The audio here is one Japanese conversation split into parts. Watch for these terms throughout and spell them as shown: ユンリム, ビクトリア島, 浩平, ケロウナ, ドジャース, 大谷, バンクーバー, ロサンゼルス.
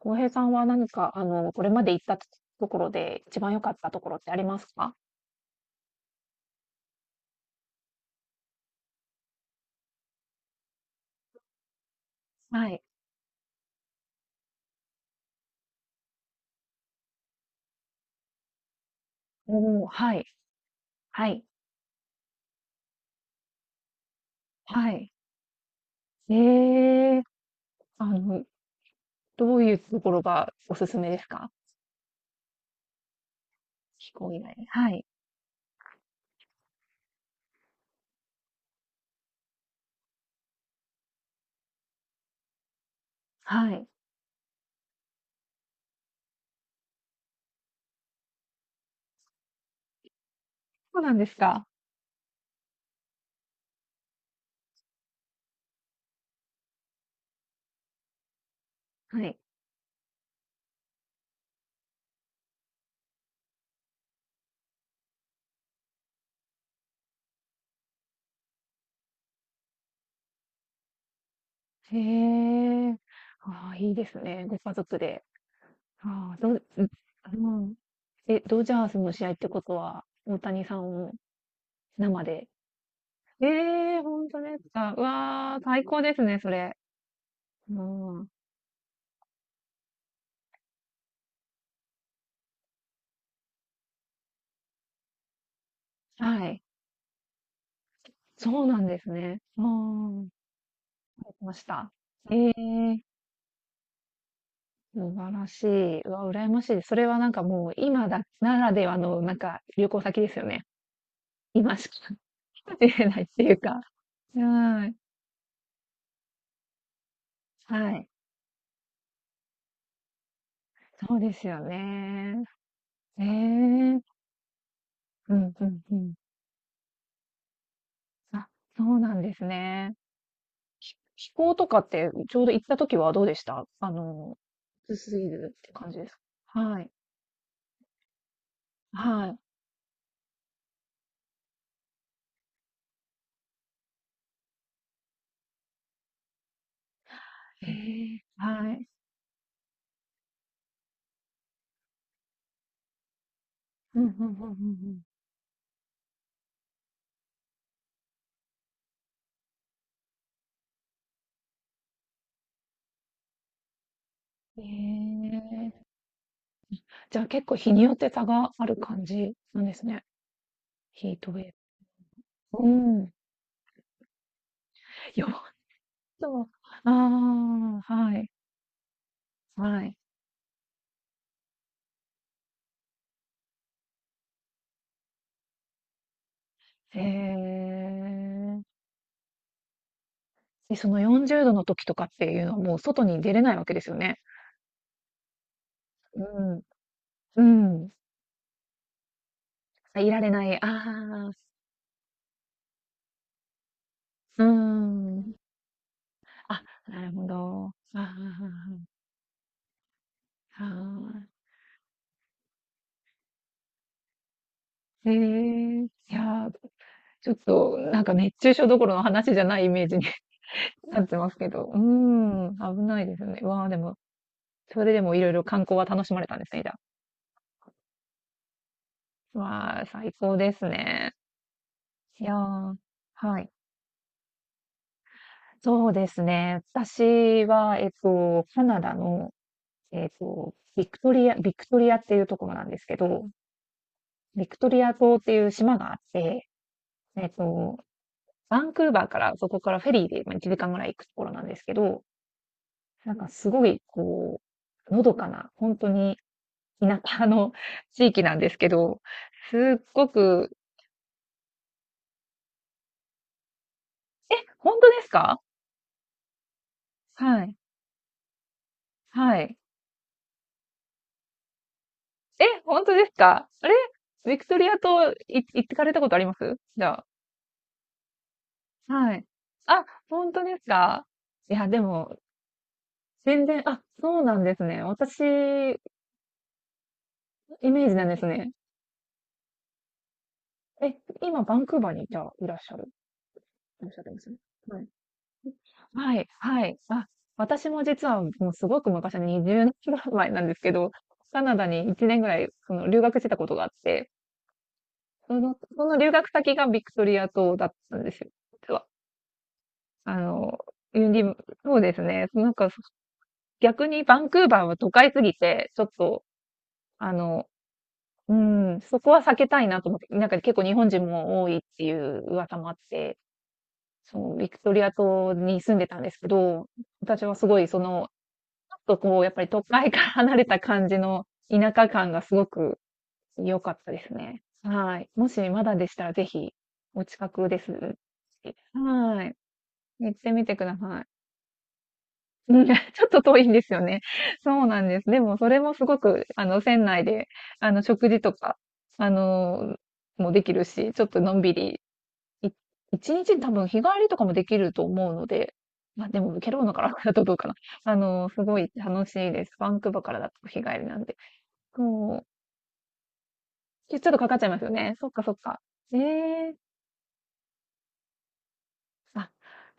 浩平さんは何か、これまで行ったところで一番良かったところってありますか？はい。おお、はい。はい。はい。ええ、あの、どういうところがおすすめですか？飛行以外で。はい。はい。そうなんですか。はい。へえ、ああ、いいですね。ご家族で。ああ、うんうん。え、ドジャースの試合ってことは、大谷さんを生で。ええ、本当ですか。うわあ、最高ですね、それ。もう、はい。そうなんですね。も、うん。入ってました。ええ、素晴らしい。うわ、羨ましいです。それはなんかもう今だならではのなんか旅行先ですよね。今しか 出れないっていうか。うーん。はい。そうですよね。ええ、うんうんうん。あ、そうなんですね。気候とかってちょうど行った時はどうでした、暑すぎるって感じですか？はい。はい。ええ、はい。うんうんうんうんうん。ええ。じゃあ結構日によって差がある感じなんですね。ヒートウェーブ。うん。4ああ、はい、はい。へえ。で、その40度の時とかっていうのはもう外に出れないわけですよね。うん。うん。あ、いられない。ああ。うん。あ、なるほど。ああ、は、ああ。い。へえ。いや、ちょっとなんか熱中症どころの話じゃないイメージになってますけど、うーん、危ないですね。わあ、でも、それでもいろいろ観光は楽しまれたんですね、じゃあ。わあ、最高ですね。いやー、はい。そうですね。私は、カナダの、ビクトリアっていうところなんですけど、ビクトリア島っていう島があって、えっと、バンクーバーから、そこからフェリーでまあ1時間ぐらい行くところなんですけど、なんかすごい、のどかな、本当に田舎の地域なんですけど、すっごく、え、本当ですか？はい。はい。え、本当ですか？あれ、ビクトリア島行ってかれたことありますじゃあ？はい。あ、本当ですか？いや、でも、全然、あ、そうなんですね。私、イメージなんですね。え、今、バンクーバーに、じゃあ、いらっしゃる。いらっしゃってますね。はい、はい。あ、私も実はもうすごく昔、に0年ぐらい前なんですけど、カナダに1年ぐらい、その留学してたことがあって、その、留学先がビクトリア島だったんですよ、実は。あの、ユンリム、そうですね。なんか、逆にバンクーバーは都会すぎて、ちょっと、あの、うん、そこは避けたいなと思って、なんか結構日本人も多いっていう噂もあって、そう、ビクトリア島に住んでたんですけど、私はすごいその、ちょっとこう、やっぱり都会から離れた感じの田舎感がすごく良かったですね。はい。もしまだでしたらぜひ、お近くです、はい、行ってみてください。うん、ちょっと遠いんですよね。そうなんです。でもそれもすごく、船内で、食事とか、あの、もできるし、ちょっとのんびり、い1日に多分日帰りとかもできると思うので、ま、でもケロろナから だとどうかな。すごい楽しいです。バンクーバーからだと日帰りなんで。そう、ちょっとかかっちゃいますよね。そっかそっか。ええ、あ、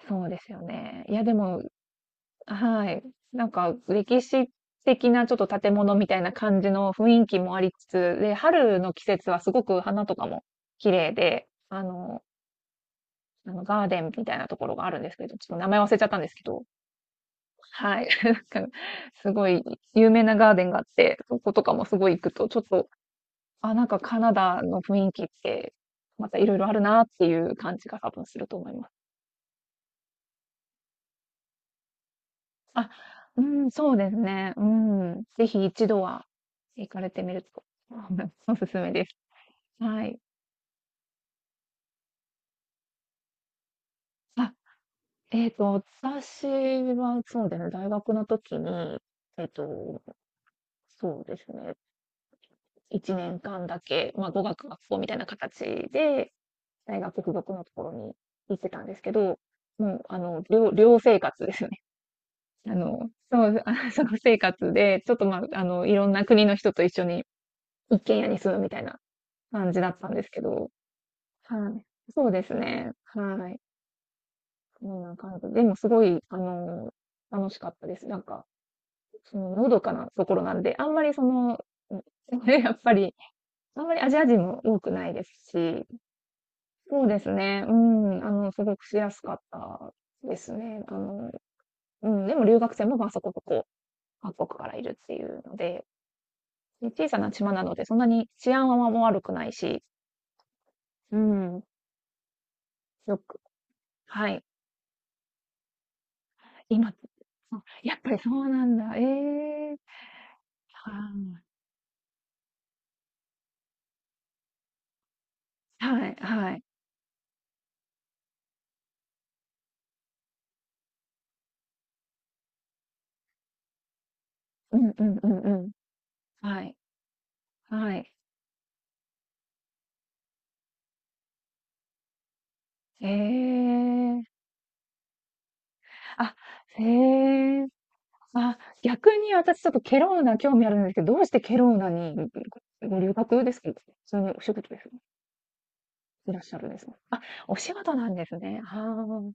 そうですよね。いやでも、はい。なんか歴史的なちょっと建物みたいな感じの雰囲気もありつつ、で、春の季節はすごく花とかも綺麗で、ガーデンみたいなところがあるんですけど、ちょっと名前忘れちゃったんですけど、はい。なんかすごい有名なガーデンがあって、そことかもすごい行くと、ちょっと、あ、なんかカナダの雰囲気って、またいろいろあるなっていう感じが多分すると思います。あ、うん、そうですね。うん。ぜひ一度は行かれてみると、おすすめです。はい。あ、えっと、私はそうですね、大学の時に、えっと、そうですね、1年間だけ、まあ、語学学校みたいな形で、大学付属のところに行ってたんですけど、もう、寮生活ですよね。そう、あ、その生活で、ちょっとまあ、いろんな国の人と一緒に一軒家に住むみたいな感じだったんですけど、はい。そうですね。はい。こんな感じ。でもすごい、楽しかったです。なんか、その、のどかなところなんで、あんまりその、うん やっぱり、あんまりアジア人も多くないですし、そうですね。うん。すごくしやすかったですね。うん。でも留学生も、ま、そこそこ各国からいるっていうので、で、小さな島なので、そんなに治安はもう悪くないし、うん。よく、はい。今、あ、やっぱりそうなんだ。ええ。は、はいはい。うんうんうんうん。はい。はい。ええ。あ、へえ。あ、逆に私ちょっとケロウナ興味あるんですけど、どうしてケロウナに、ご留学ですか？そのお仕事です？いらっしゃるんですか？あ、お仕事なんですね。は、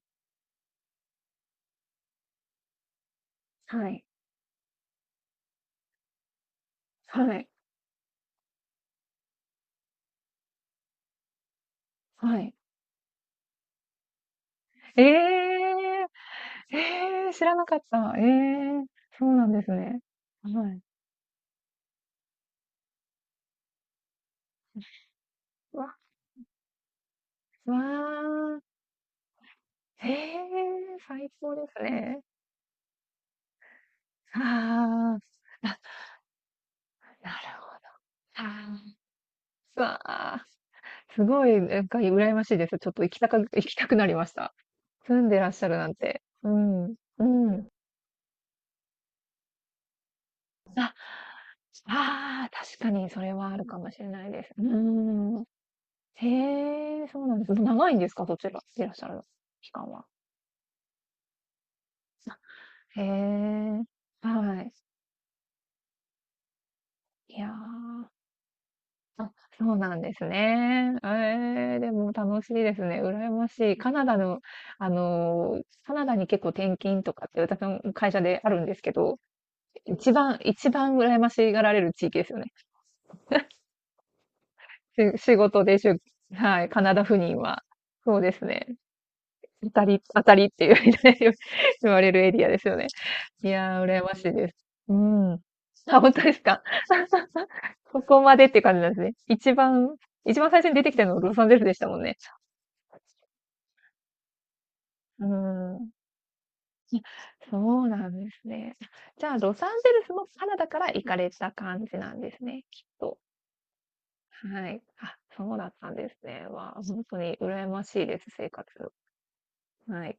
あ。はい。はい。はい。ええ。ええ、知らなかった。ええ、そうなんですね。はい。わ、わあ、へえ、最高ですね。ああ。あ、なるほど。ああ、わあ。すごい、なんか羨ましいです。ちょっと行きたく 行きたくなりました。住んでらっしゃるなんて。うん。うん。ああ、確かにそれはあるかもしれないです。うーん。へえ、そうなんです。長いんですか？そちらいらっしゃる期間は。あ、へえ。はい。いやー、あ、そうなんですね。ええ、でも楽しいですね。羨ましい。カナダの、あのー、カナダに結構転勤とかって私の会社であるんですけど、一番羨ましがられる地域ですよね。仕事でしゅ、はい、カナダ赴任は。そうですね。当たりっていう 言われるエリアですよね。いやー、羨ましいです。うん。あ、本当ですか。ここまでっていう感じなんですね。一番最初に出てきたのはロサンゼルスでしたもんね。うん。そうなんですね。じゃあ、ロサンゼルスもカナダから行かれた感じなんですね、きっと。はい。あ、そうだったんですね。わあ、ほんとに羨ましいです、生活。はい。